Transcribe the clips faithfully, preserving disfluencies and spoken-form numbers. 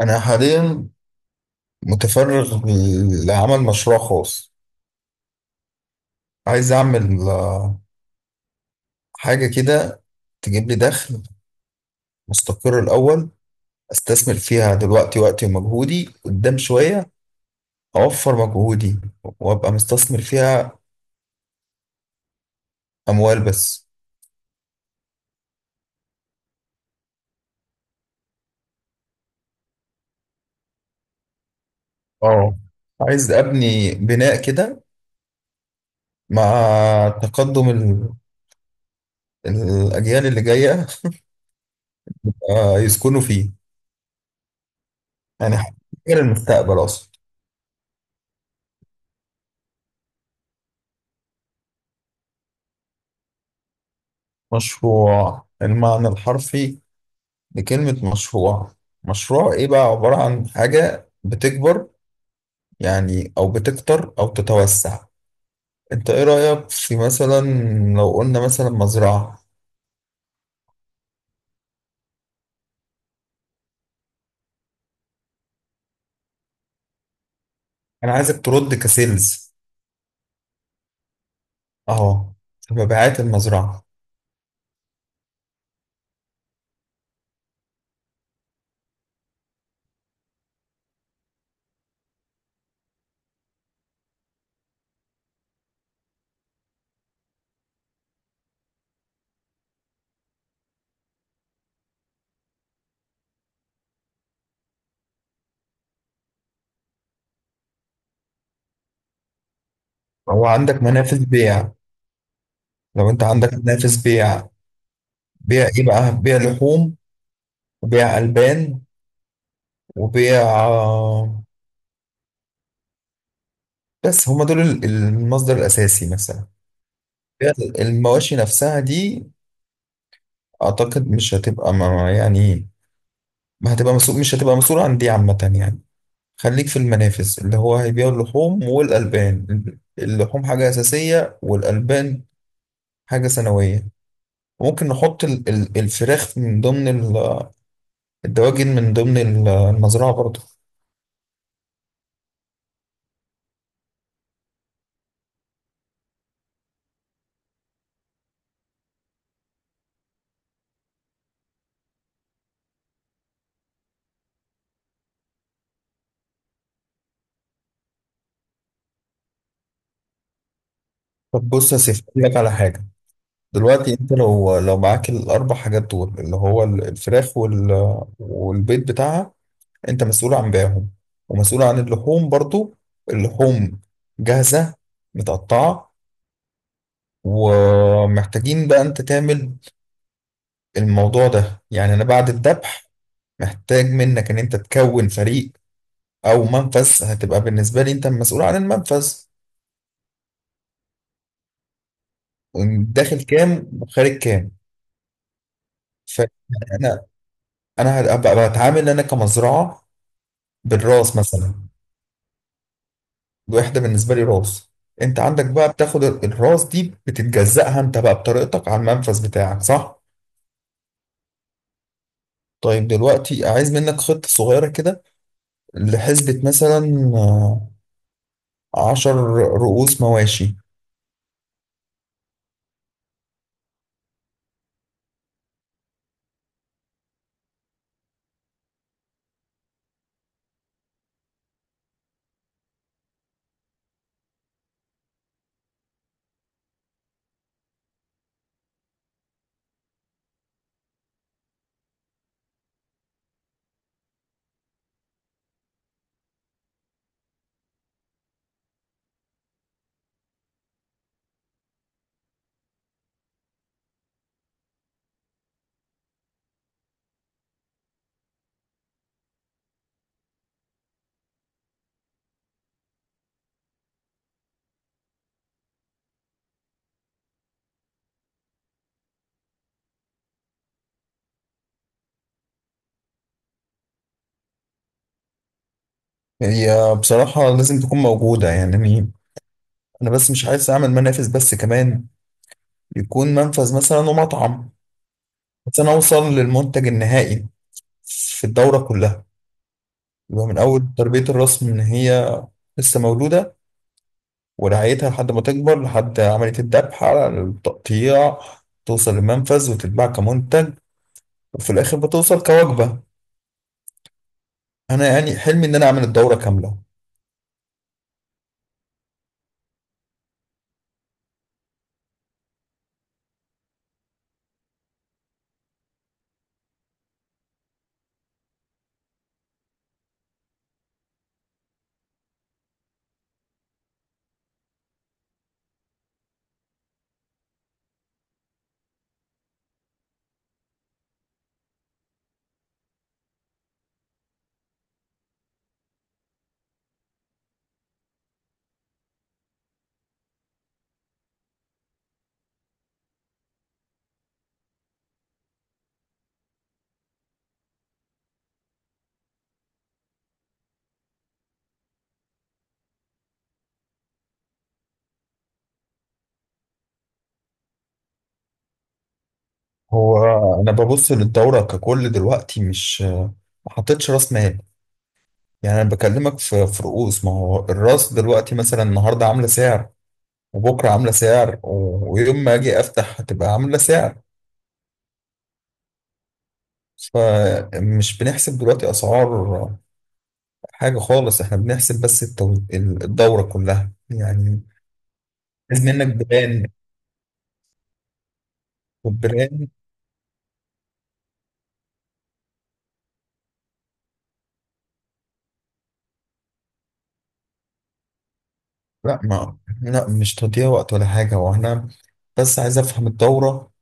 أنا حاليا متفرغ لعمل مشروع خاص. عايز أعمل آه، حاجة كده تجيب لي دخل مستقر، الأول أستثمر فيها دلوقتي وقتي ومجهودي قدام شوية، أوفر مجهودي وأبقى مستثمر فيها أموال بس. اه، عايز أبني بناء كده مع تقدم ال- الأجيال اللي جاية آه، يسكنوا فيه، يعني حاجة للمستقبل أصلا. مشروع المعنى الحرفي لكلمة مشروع، مشروع ايه بقى؟ عبارة عن حاجة بتكبر، يعني او بتكتر او تتوسع. انت ايه رأيك في مثلا لو قلنا مثلا مزرعة؟ انا عايزك ترد كسيلز، اهو، في مبيعات المزرعة. هو عندك منافذ بيع؟ لو انت عندك منافذ بيع، بيع ايه بقى؟ بيع لحوم وبيع ألبان وبيع آه، بس هما دول ال- المصدر الأساسي مثلا. بيع المواشي نفسها دي أعتقد مش هتبقى ما- يعني ما هتبقى مسؤول، مش هتبقى مسؤول عن دي عامة يعني. خليك في المنافس اللي هو هيبيعوا اللحوم والألبان، اللحوم حاجة أساسية والألبان حاجة ثانوية. ممكن نحط ال- ال- الفراخ من ضمن ال- الدواجن من ضمن ال- المزرعة برضه. طب بص يا سيف أقول لك على حاجة. دلوقتي انت لو لو معاك الأربع حاجات دول، اللي هو ال- الفراخ وال- والبيض بتاعها، انت مسؤول عن بيعهم ومسؤول عن اللحوم برضه. اللحوم جاهزة متقطعة، ومحتاجين بقى انت تعمل الموضوع ده، يعني انا بعد الذبح محتاج منك ان انت تكون فريق او منفذ، هتبقى بالنسبة لي انت المسؤول عن المنفذ. داخل كام وخارج كام. فانا انا هبقى بتعامل انا كمزرعة بالراس مثلا. الوحدة بالنسبة لي راس. انت عندك بقى بتاخد الراس دي بتتجزأها انت بقى بطريقتك على المنفذ بتاعك، صح؟ طيب دلوقتي عايز منك خطة صغيرة كده، لحسبة مثلا عشر رؤوس مواشي. هي بصراحة لازم تكون موجودة يعني. أنا بس مش عايز أعمل منافس بس كمان، يكون منفذ مثلا ومطعم، بس أنا أوصل للمنتج النهائي في الدورة كلها. يبقى من أول تربية الرأس من هي لسه مولودة، ورعايتها لحد ما تكبر لحد عملية الذبح على التقطيع، توصل للمنفذ وتتباع كمنتج، وفي الآخر بتوصل كوجبة. أنا يعني حلمي إن أنا أعمل الدورة كاملة. هو انا ببص للدوره ككل دلوقتي، مش ما حطيتش راس مال، يعني انا بكلمك في في رؤوس. ما هو الراس دلوقتي مثلا النهارده عامله سعر وبكره عامله سعر، و- ويوم ما اجي افتح هتبقى عامله سعر. فمش بنحسب دلوقتي اسعار حاجه خالص، احنا بنحسب بس التو- ال- الدوره كلها يعني. لازم منك براند، والبراند. لا ما لا مش تضييع وقت ولا حاجه، وانا بس عايز افهم الدوره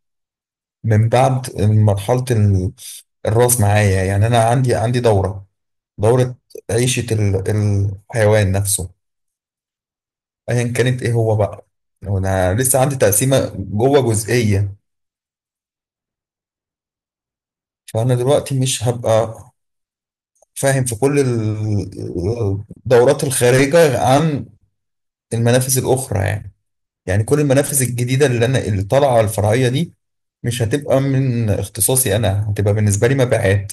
من بعد مرحلة ال- الراس معايا، يعني أنا عندي عندي دورة، دورة عيشة ال- الحيوان نفسه أيا كانت إيه هو بقى. أنا لسه عندي تقسيمة جوه جزئية، فأنا دلوقتي مش هبقى فاهم في كل ال- الدورات الخارجة عن المنافذ الأخرى يعني، يعني كل المنافذ الجديدة اللي أنا اللي طالعة الفرعية دي، مش هتبقى من اختصاصي، أنا هتبقى بالنسبة لي مبيعات.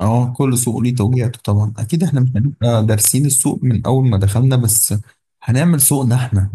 اه، كل سوق ليه توجيهاته طبعا اكيد، احنا مش هنبقى دارسين السوق من اول ما دخلنا، بس هنعمل سوقنا احنا.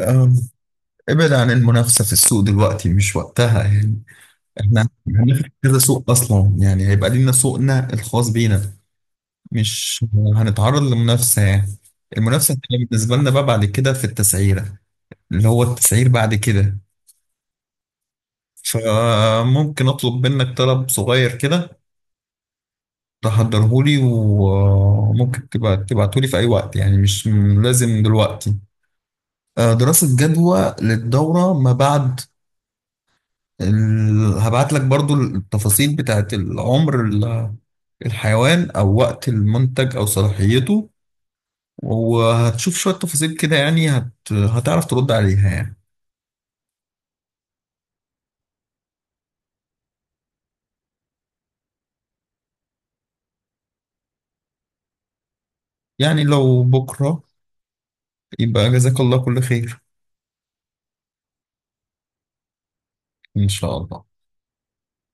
آه، ابعد عن المنافسة في السوق دلوقتي مش وقتها يعني. احنا هنفتح كذا سوق اصلا، يعني هيبقى لينا سوقنا الخاص بينا، مش هنتعرض لمنافسة يعني. المنافسة هتبقى بالنسبة لنا بقى بعد كده في التسعيرة، اللي هو التسعير بعد كده. فممكن اطلب منك طلب صغير كده، تحضرهولي وممكن تبقى تبعتهولي في أي وقت، يعني مش م- لازم دلوقتي. آه، دراسة جدوى للدورة ما بعد ال... هبعت لك برضو التفاصيل بتاعت العمر، ال- الحيوان أو وقت المنتج أو صلاحيته، وهتشوف شوية تفاصيل كده، يعني هت... هتعرف ترد عليها يعني. يعني لو بكرة يبقى جزاك الله كل خير، إن شاء الله.